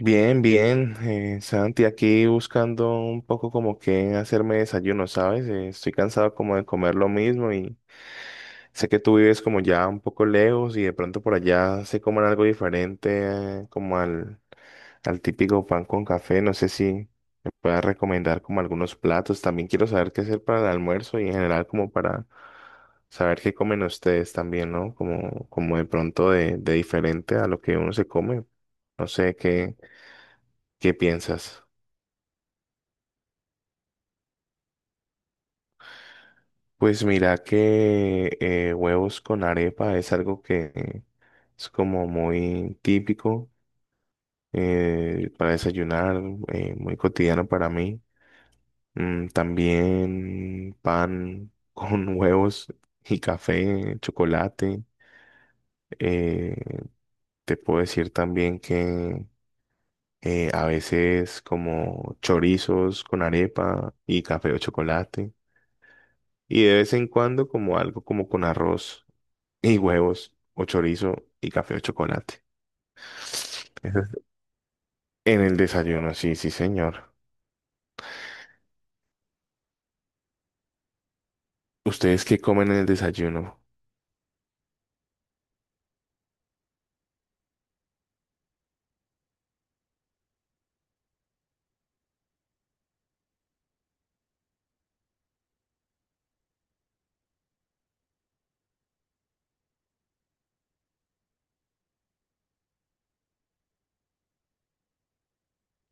Bien, bien, Santi, aquí buscando un poco como que hacerme desayuno, ¿sabes? Estoy cansado como de comer lo mismo y sé que tú vives como ya un poco lejos y de pronto por allá se coman algo diferente, como al típico pan con café. No sé si me puedas recomendar como algunos platos. También quiero saber qué hacer para el almuerzo y en general como para saber qué comen ustedes también, ¿no? Como, como de pronto de diferente a lo que uno se come. No sé qué. ¿Qué piensas? Pues mira que huevos con arepa es algo que es como muy típico, para desayunar, muy cotidiano para mí. Mm, también pan con huevos y café, chocolate. Eh, Te puedo decir también que a veces como chorizos con arepa y café o chocolate. Y de vez en cuando como algo como con arroz, y huevos o chorizo y café o chocolate. Eso es. En el desayuno, sí, sí, señor. ¿Ustedes qué comen en el desayuno?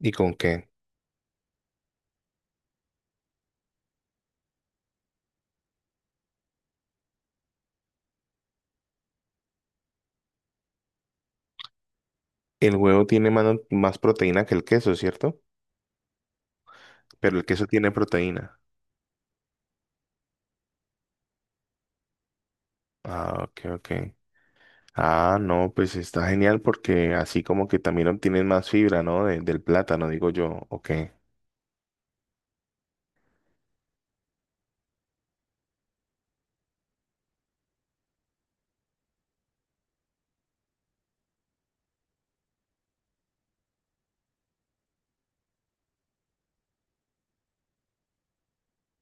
¿Y con qué? El huevo tiene más proteína que el queso, ¿cierto? Pero el queso tiene proteína. Ah, ok, ok. Ah, no, pues está genial porque así como que también obtienen más fibra, ¿no? Del plátano, digo yo. Ok.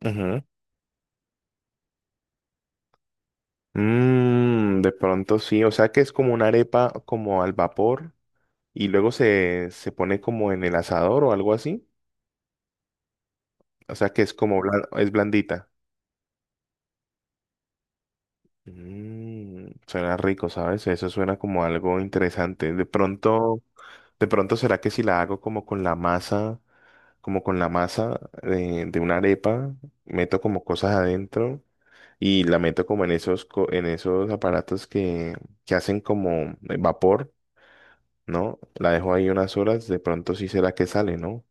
Ujú. Mm, de pronto sí, o sea que es como una arepa como al vapor, y luego se pone como en el asador o algo así. O sea que es como es blandita. Mm, suena rico, ¿sabes? Eso suena como algo interesante. De pronto será que si la hago como con la masa, como con la masa de una arepa, meto como cosas adentro y la meto como en esos, en esos aparatos que hacen como vapor, ¿no? La dejo ahí unas horas, de pronto sí será que sale, ¿no?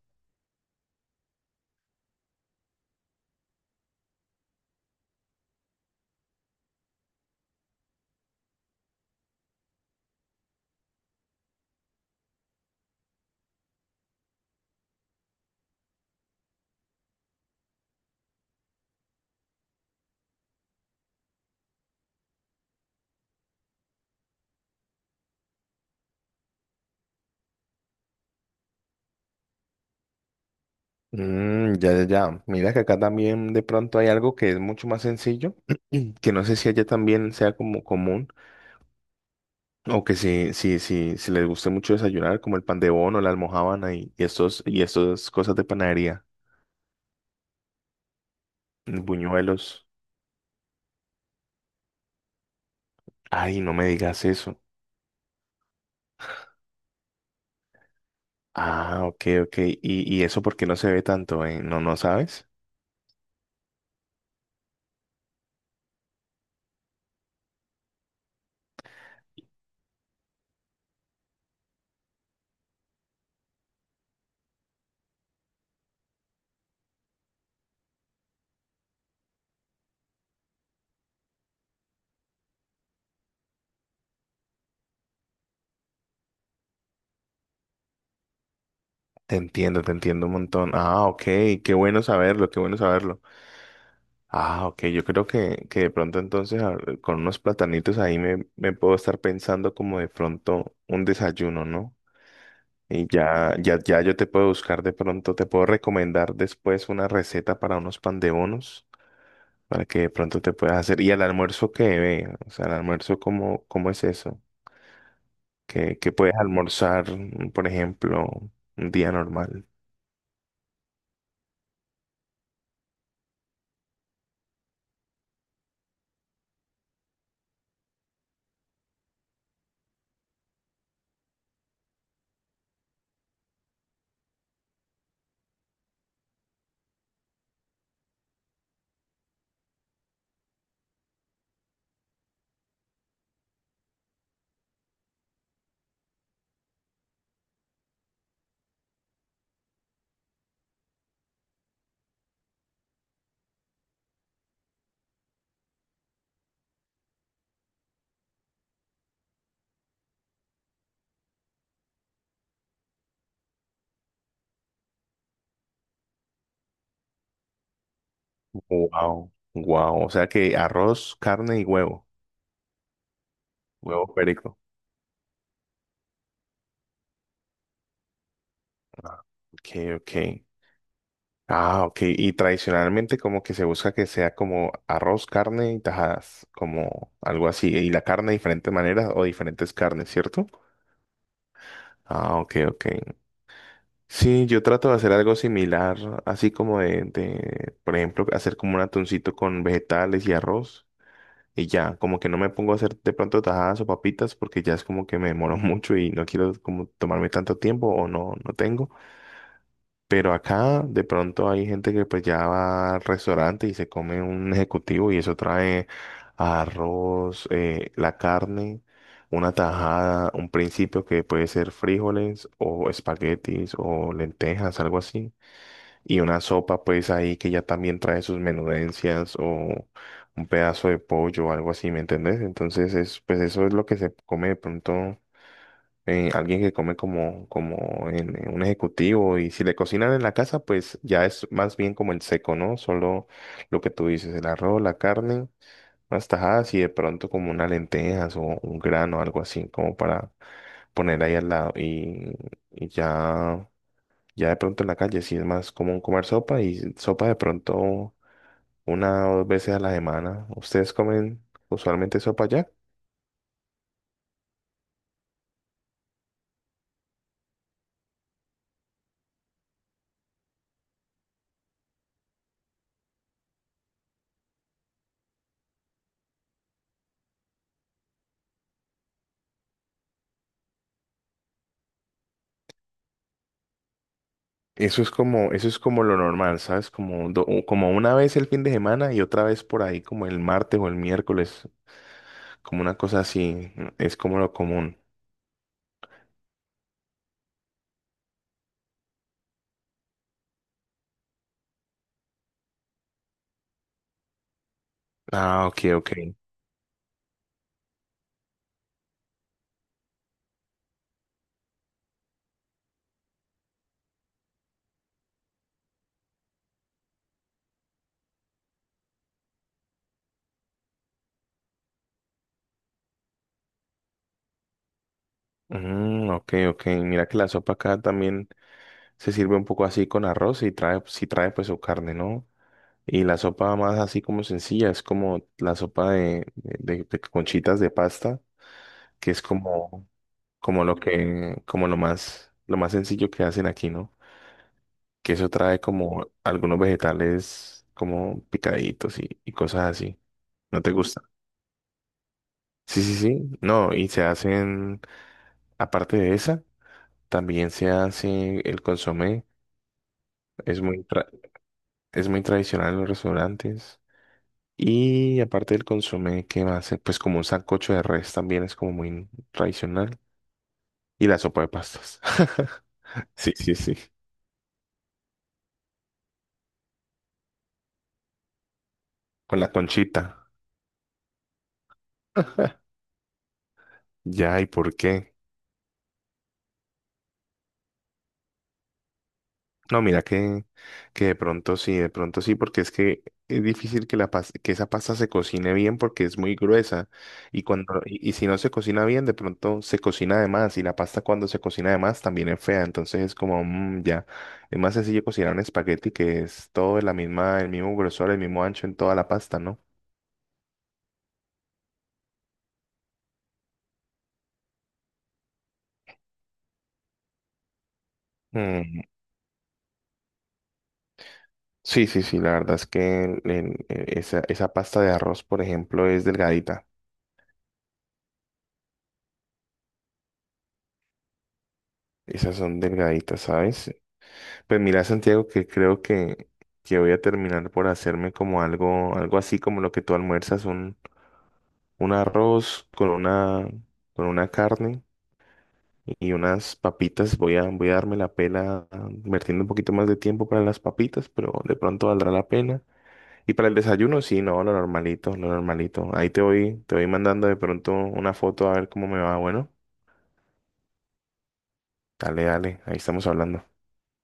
Mm, ya, ya, ya. Mira que acá también de pronto hay algo que es mucho más sencillo, que no sé si allá también sea como común o que si, si, si, si les guste mucho desayunar, como el pan de bono, la almojábana y estos, y estas cosas de panadería, mm, buñuelos. Ay, no me digas eso. Ah, ok, ok. Y eso porque no se ve tanto, ¿eh? No, no sabes. Te entiendo un montón. Ah, ok, qué bueno saberlo, qué bueno saberlo. Ah, ok, yo creo que de pronto entonces con unos platanitos ahí me, me puedo estar pensando como de pronto un desayuno, ¿no? Y ya, ya, ya yo te puedo buscar de pronto, te puedo recomendar después una receta para unos pan de bonos, para que de pronto te puedas hacer. ¿Y al almuerzo qué ve? O sea, el almuerzo, ¿cómo, cómo es eso? ¿Qué, qué puedes almorzar, mm, por ejemplo, un día normal? Wow, wow. O sea que arroz, carne y huevo, huevo perico. Ah, ok, ok. Ah, ok. Y tradicionalmente como que se busca que sea como arroz, carne y tajadas, como algo así. Y la carne de diferentes maneras o diferentes carnes, ¿cierto? Ah, ok, ok. Sí, yo trato de hacer algo similar, así como de, por ejemplo, hacer como un atuncito con vegetales y arroz. Y ya, como que no me pongo a hacer de pronto tajadas o papitas porque ya es como que me demoro mucho y no quiero como tomarme tanto tiempo o no, no tengo. Pero acá de pronto hay gente que pues ya va al restaurante y se come un ejecutivo y eso trae arroz, la carne, una tajada, un principio que puede ser frijoles o espaguetis o lentejas, algo así. Y una sopa pues ahí que ya también trae sus menudencias o un pedazo de pollo o algo así, ¿me entendés? Entonces es, pues eso es lo que se come de pronto, alguien que come como, como en un ejecutivo, y si le cocinan en la casa, pues ya es más bien como el seco, ¿no? Solo lo que tú dices, el arroz, la carne, unas tajadas y de pronto como unas lentejas o un grano, algo así, como para poner ahí al lado y ya, ya de pronto en la calle, sí es más común comer sopa y sopa de pronto una o dos veces a la semana. ¿Ustedes comen usualmente sopa ya? Eso es como lo normal, ¿sabes? Como, como una vez el fin de semana y otra vez por ahí, como el martes o el miércoles, como una cosa así, mm, es como lo común. Ah, ok, ok. Mm, ok, ok. Mira que la sopa acá también se sirve un poco así con arroz y trae, si trae pues su carne, ¿no? Y la sopa más así como sencilla, es como la sopa de conchitas de pasta, que es como, como lo que, como lo más sencillo que hacen aquí, ¿no? Que eso trae como algunos vegetales como picaditos y cosas así. ¿No te gusta? Sí, sí, sí. No, y se hacen, aparte de esa, también se hace el consomé. Es es muy tradicional en los restaurantes. Y aparte del consomé, ¿qué más? Pues como un sancocho de res también es como muy tradicional. Y la sopa de pastas. Sí, sí, sí. Con la conchita. Ya, ¿y por qué? No, mira que de pronto sí, porque es que es difícil que, que esa pasta se cocine bien porque es muy gruesa y, cuando, y si no se cocina bien, de pronto se cocina de más y la pasta cuando se cocina de más también es fea, entonces es como, mm, ya, es más sencillo cocinar un espagueti que es todo de la misma, el mismo grosor, el mismo ancho en toda la pasta, ¿no? Mm, sí, sí, sí, la verdad es que esa, esa pasta de arroz, por ejemplo, es delgadita. Esas son delgaditas, ¿sabes? Pues mira, Santiago, que creo que voy a terminar por hacerme como algo, algo así como lo que tú almuerzas, un arroz con una carne y unas papitas. Voy a, voy a darme la pela, ah, invirtiendo un poquito más de tiempo para las papitas, pero de pronto valdrá la pena. Y para el desayuno, sí, no, lo normalito, lo normalito. Ahí te voy mandando de pronto una foto a ver cómo me va. Bueno, dale, dale, ahí estamos hablando.